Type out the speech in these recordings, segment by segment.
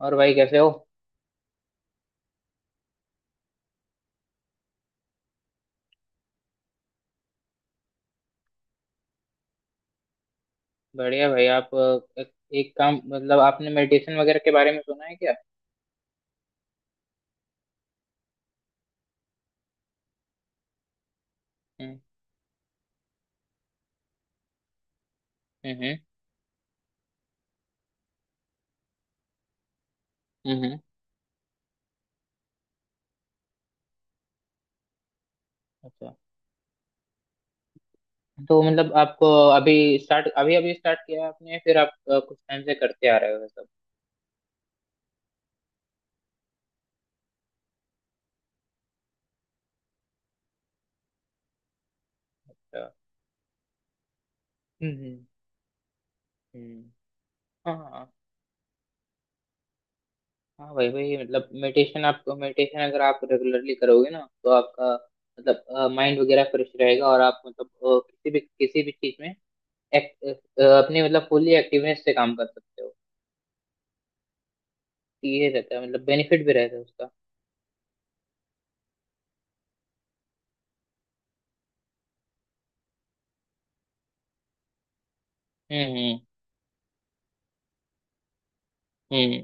और भाई कैसे हो? बढ़िया भाई। आप एक काम, मतलब आपने मेडिटेशन वगैरह के बारे में सुना है क्या? हम्म, हम्म, हम्म, हम्म। अच्छा। तो मतलब आपको अभी अभी स्टार्ट किया है आपने, या फिर आप कुछ टाइम से करते आ रहे हो ये सब? अच्छा। हम्म, हम्म, हम्म। हाँ हाँ। हाँ भाई भाई, मतलब मेडिटेशन, आप मेडिटेशन अगर आप रेगुलरली करोगे ना तो आपका मतलब माइंड वगैरह फ्रेश रहेगा, और आप मतलब किसी भी चीज में एक, अपनी मतलब फुल्ली एक्टिवनेस से काम कर सकते हो। ये रहता है मतलब, बेनिफिट भी रहता है उसका। हम्म, हम्म, हम्म।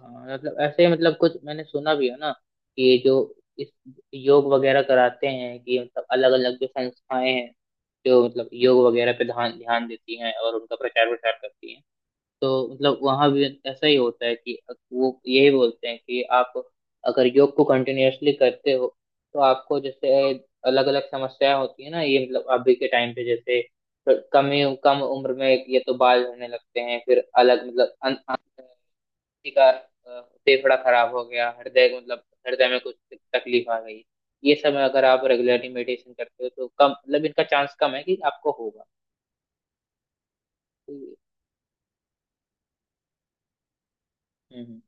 हाँ, मतलब ऐसे ही मतलब कुछ मैंने सुना भी है ना कि ये जो इस योग वगैरह कराते हैं, कि मतलब अलग अलग जो संस्थाएं हैं जो मतलब योग वगैरह पे ध्यान ध्यान देती हैं और उनका प्रचार प्रसार करती हैं, तो मतलब वहां भी ऐसा ही होता है कि वो यही बोलते हैं कि आप अगर योग को कंटिन्यूअसली करते हो तो आपको जैसे अलग अलग समस्याएं होती है ना। ये मतलब अभी के टाइम पे जैसे कम ही कम उम्र में ये तो बाल झड़ने लगते हैं, फिर अलग मतलब अन, अन, किसी का फेफड़ा खराब हो गया, हृदय मतलब हृदय में कुछ तकलीफ आ गई। ये सब अगर आप रेगुलरली मेडिटेशन करते हो तो कम मतलब इनका चांस कम है कि आपको होगा। हम्म,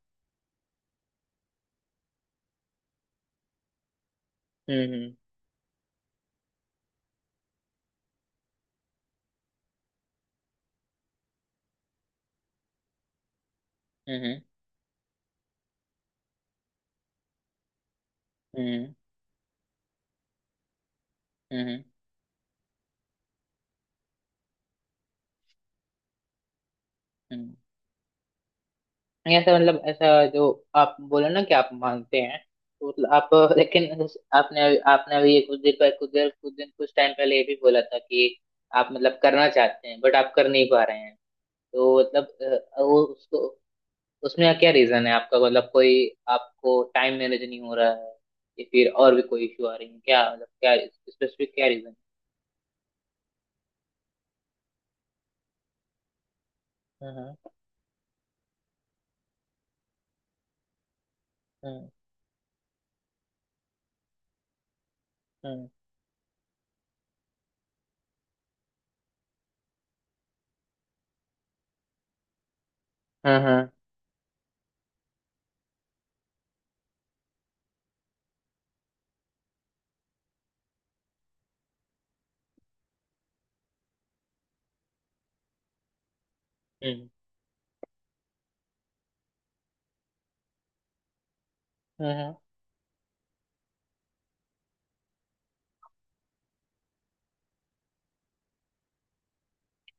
हम्म, हम्म, हम्म, हम्म, हम्म, हम्म। नहीं, ऐसा मतलब ऐसा जो आप बोले ना कि आप मानते हैं, तो मतलब आप, लेकिन आपने आपने अभी ये कुछ देर पहले कुछ देर कुछ दिन कुछ टाइम पहले ये भी बोला था कि आप मतलब करना चाहते हैं बट आप कर नहीं पा रहे हैं, तो मतलब वो उसको उसमें क्या रीजन है आपका? मतलब कोई आपको टाइम मैनेज नहीं हो रहा है, या फिर और भी कोई इशू आ रही है क्या? मतलब क्या स्पेसिफिक क्या रीजन? हम्म, हम्म, हम्म, हम्म, हम्म, हम्म,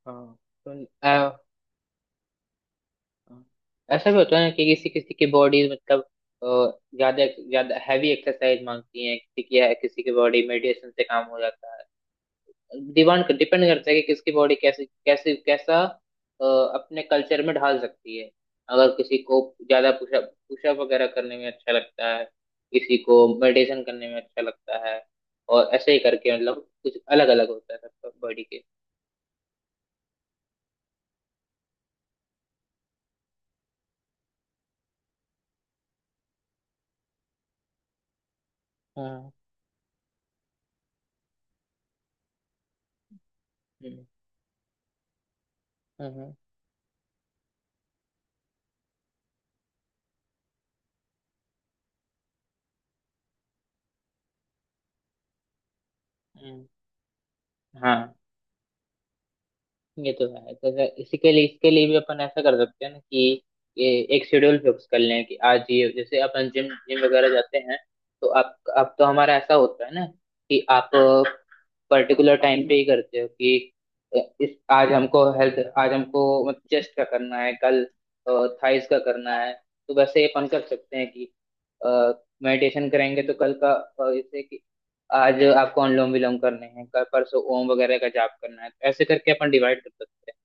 हम्म। हाँ तो हाँ। ऐसा भी होता है ना कि किसी किसी की बॉडी मतलब अ, ज्यादा ज्यादा हैवी एक्सरसाइज मांगती है, किसी की बॉडी मेडिटेशन से काम हो जाता है। डिपेंड डिपेंड करता है कि किसकी बॉडी कैसे कैसे कैसा अपने कल्चर में ढाल सकती है। अगर किसी को ज्यादा पुशअप पुशअप वगैरह करने में अच्छा लगता है, किसी को मेडिटेशन करने में अच्छा लगता है, और ऐसे ही करके मतलब कुछ अलग अलग होता है सबका बॉडी के। हाँ। हम्म, हम्म, हम्म। हाँ ये तो है। तो जैसे इसी के लिए इसके लिए भी अपन ऐसा कर सकते हैं ना कि ये एक शेड्यूल फिक्स कर लें कि आज ये जैसे अपन जिम जिम वगैरह जाते हैं, तो आप अब तो हमारा ऐसा होता है ना कि आप पर्टिकुलर टाइम पे ही करते हो कि इस आज हमको हेल्थ आज हमको मतलब चेस्ट का करना है, कल थाइस का करना है, तो वैसे ही अपन कर सकते हैं कि मेडिटेशन करेंगे तो कल का जैसे कि आज आपको अनुलोम विलोम करने हैं, कल परसों ओम वगैरह का जाप करना है, ऐसे करके अपन डिवाइड कर सकते हैं।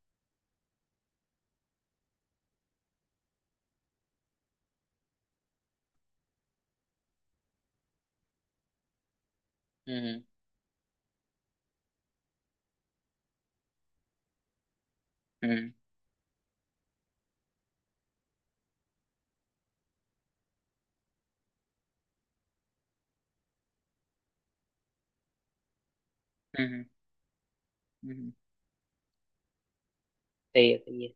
हम्म, हम्म, हम्म, हम्म, हम्म। सही है, सही है।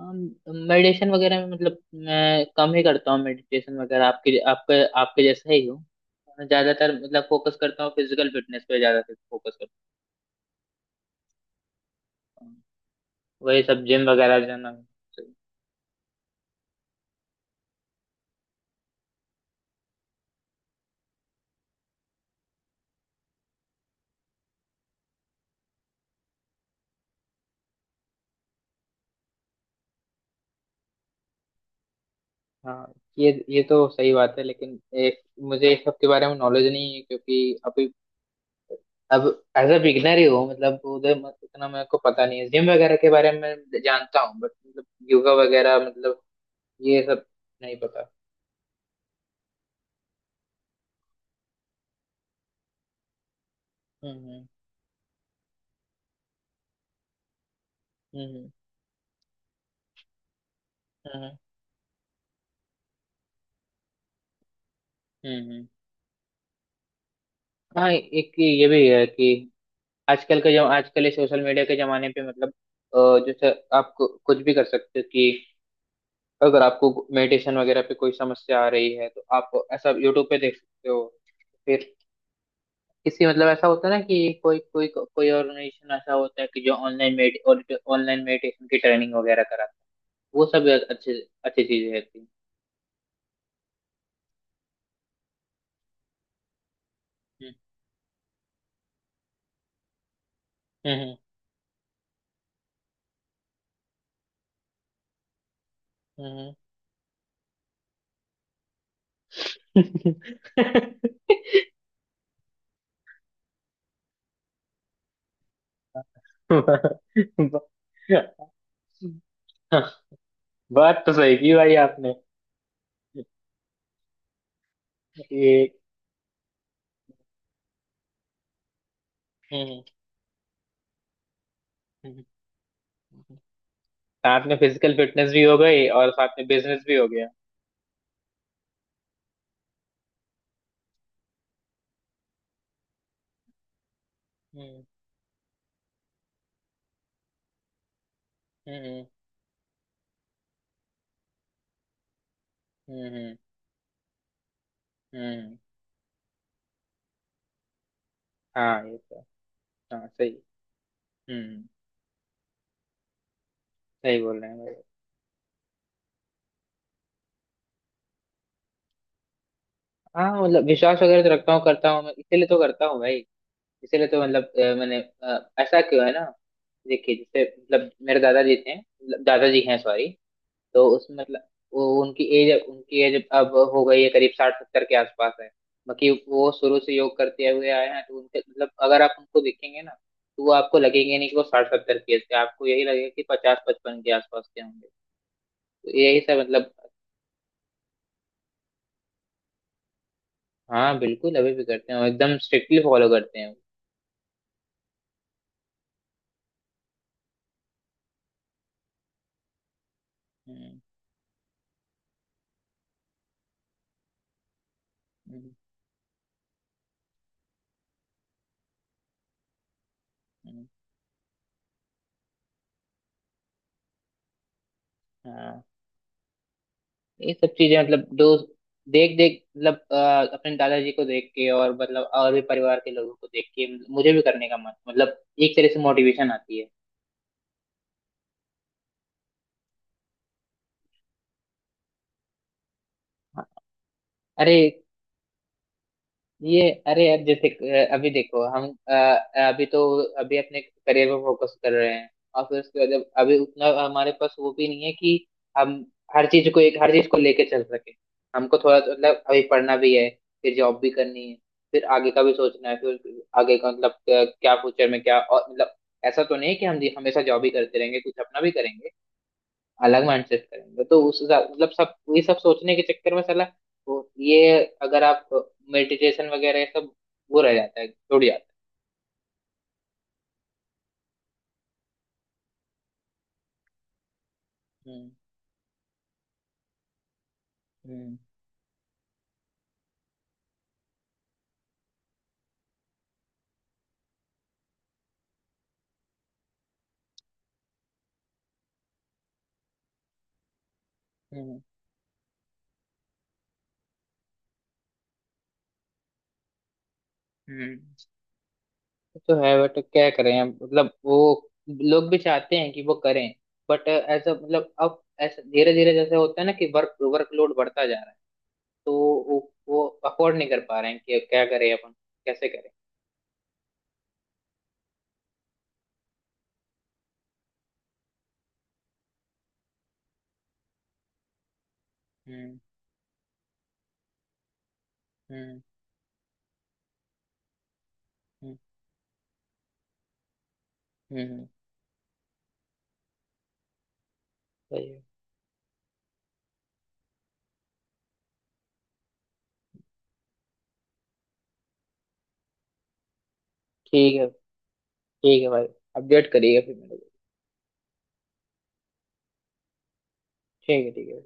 मेडिटेशन वगैरह में मतलब मैं कम ही करता हूँ मेडिटेशन वगैरह, आपके आपके आपके जैसा ही हूँ। मैं ज्यादातर मतलब फोकस करता हूँ, फिजिकल फिटनेस पे ज्यादा फोकस करता हूँ, वही सब जिम वगैरह जाना। हाँ, ये तो सही बात है, लेकिन एक मुझे इस सब के बारे में नॉलेज नहीं है, क्योंकि अभी अब एज अ बिगनर ही हूँ, मतलब उधर इतना मेरे को पता नहीं है। जिम वगैरह के बारे में जानता हूँ, बट मतलब योगा वगैरह मतलब ये सब नहीं पता। हम्म, हम्म, हम्म, हम्म, हम्म, हाँ एक ये भी है कि आजकल का जो आजकल ये सोशल मीडिया के जमाने पे मतलब जैसे आप कुछ भी कर सकते हो कि अगर आपको मेडिटेशन वगैरह पे कोई समस्या आ रही है तो आप ऐसा यूट्यूब पे देख सकते हो, किसी मतलब ऐसा होता है ना कि कोई कोई कोई ऑर्गेनाइजेशन ऐसा होता है कि जो ऑनलाइन मेडिटेशन की ट्रेनिंग वगैरह कराता है। वो सब अच्छे अच्छी चीजें रहती हैं। हम्म, हम्म, हम्म, हम्म। बात तो सही की भाई आपने। ये हम्म, हम्म, हम्म। साथ में फिजिकल फिटनेस भी हो गई और साथ में बिजनेस भी हो गया। हम्म, हम्म, हम्म, हम्म, हम्म। हाँ ये तो। हाँ सही। हम्म। सही बोल रहे हैं भाई। हाँ मतलब विश्वास वगैरह तो रखता हूँ, करता हूँ मैं, इसीलिए तो करता हूँ भाई। इसीलिए तो मतलब मैंने ऐसा क्यों है ना, देखिए जैसे मतलब मेरे दादाजी थे, मतलब दादाजी हैं सॉरी, तो उस मतलब वो उनकी एज अब हो गई है, करीब 60-70 के आसपास है। बाकी वो शुरू से योग करते हुए आए हैं, तो उनके मतलब अगर आप उनको देखेंगे ना तो वो आपको लगेंगे नहीं कि वो 60-70 के थे, आपको यही लगेगा कि 50-55 के आसपास के होंगे। तो यही सब मतलब, हाँ बिल्कुल अभी भी करते हैं और एकदम स्ट्रिक्टली फॉलो करते हैं। हम्म, हम्म। हम्म। हाँ। ये सब चीजें मतलब दोस्त, देख देख मतलब अपने दादाजी को देख के मतलब और भी परिवार के लोगों को देख के मुझे भी करने का मन, मतलब एक तरह से मोटिवेशन आती है। हाँ। अरे अरे यार जैसे अभी देखो हम अभी तो अभी अपने करियर पे फोकस कर रहे हैं, और फिर उसके बाद, जब अभी उतना हमारे पास वो भी नहीं है कि हम हर चीज को लेके चल सके। हमको थोड़ा मतलब अभी पढ़ना भी है, फिर जॉब भी करनी है, फिर आगे का भी सोचना है, फिर आगे का मतलब क्या फ्यूचर में क्या, और मतलब ऐसा तो नहीं है कि हम हमेशा जॉब ही करते रहेंगे, कुछ अपना भी करेंगे, अलग माइंडसेट करेंगे। तो मतलब सब ये सब सोचने के चक्कर में साला वो ये अगर आप मेडिटेशन वगैरह ये सब वो रह जाता है, छूट जाता है। हम्म, हम्म, हम्म, हम्म। ये तो है, बट क्या करें अब मतलब, वो लोग भी चाहते हैं कि वो करें, बट ऐसा मतलब अब ऐसा धीरे धीरे जैसे होता है ना कि वर्कलोड बढ़ता जा रहा है, तो वो अफोर्ड नहीं कर पा रहे हैं कि अब क्या करें अपन, कैसे करें। हम्म, हम्म, हम्म, हम्म। सही है। ठीक है। ठीक है भाई, अपडेट करिएगा फिर मेरे को। ठीक है, ठीक है।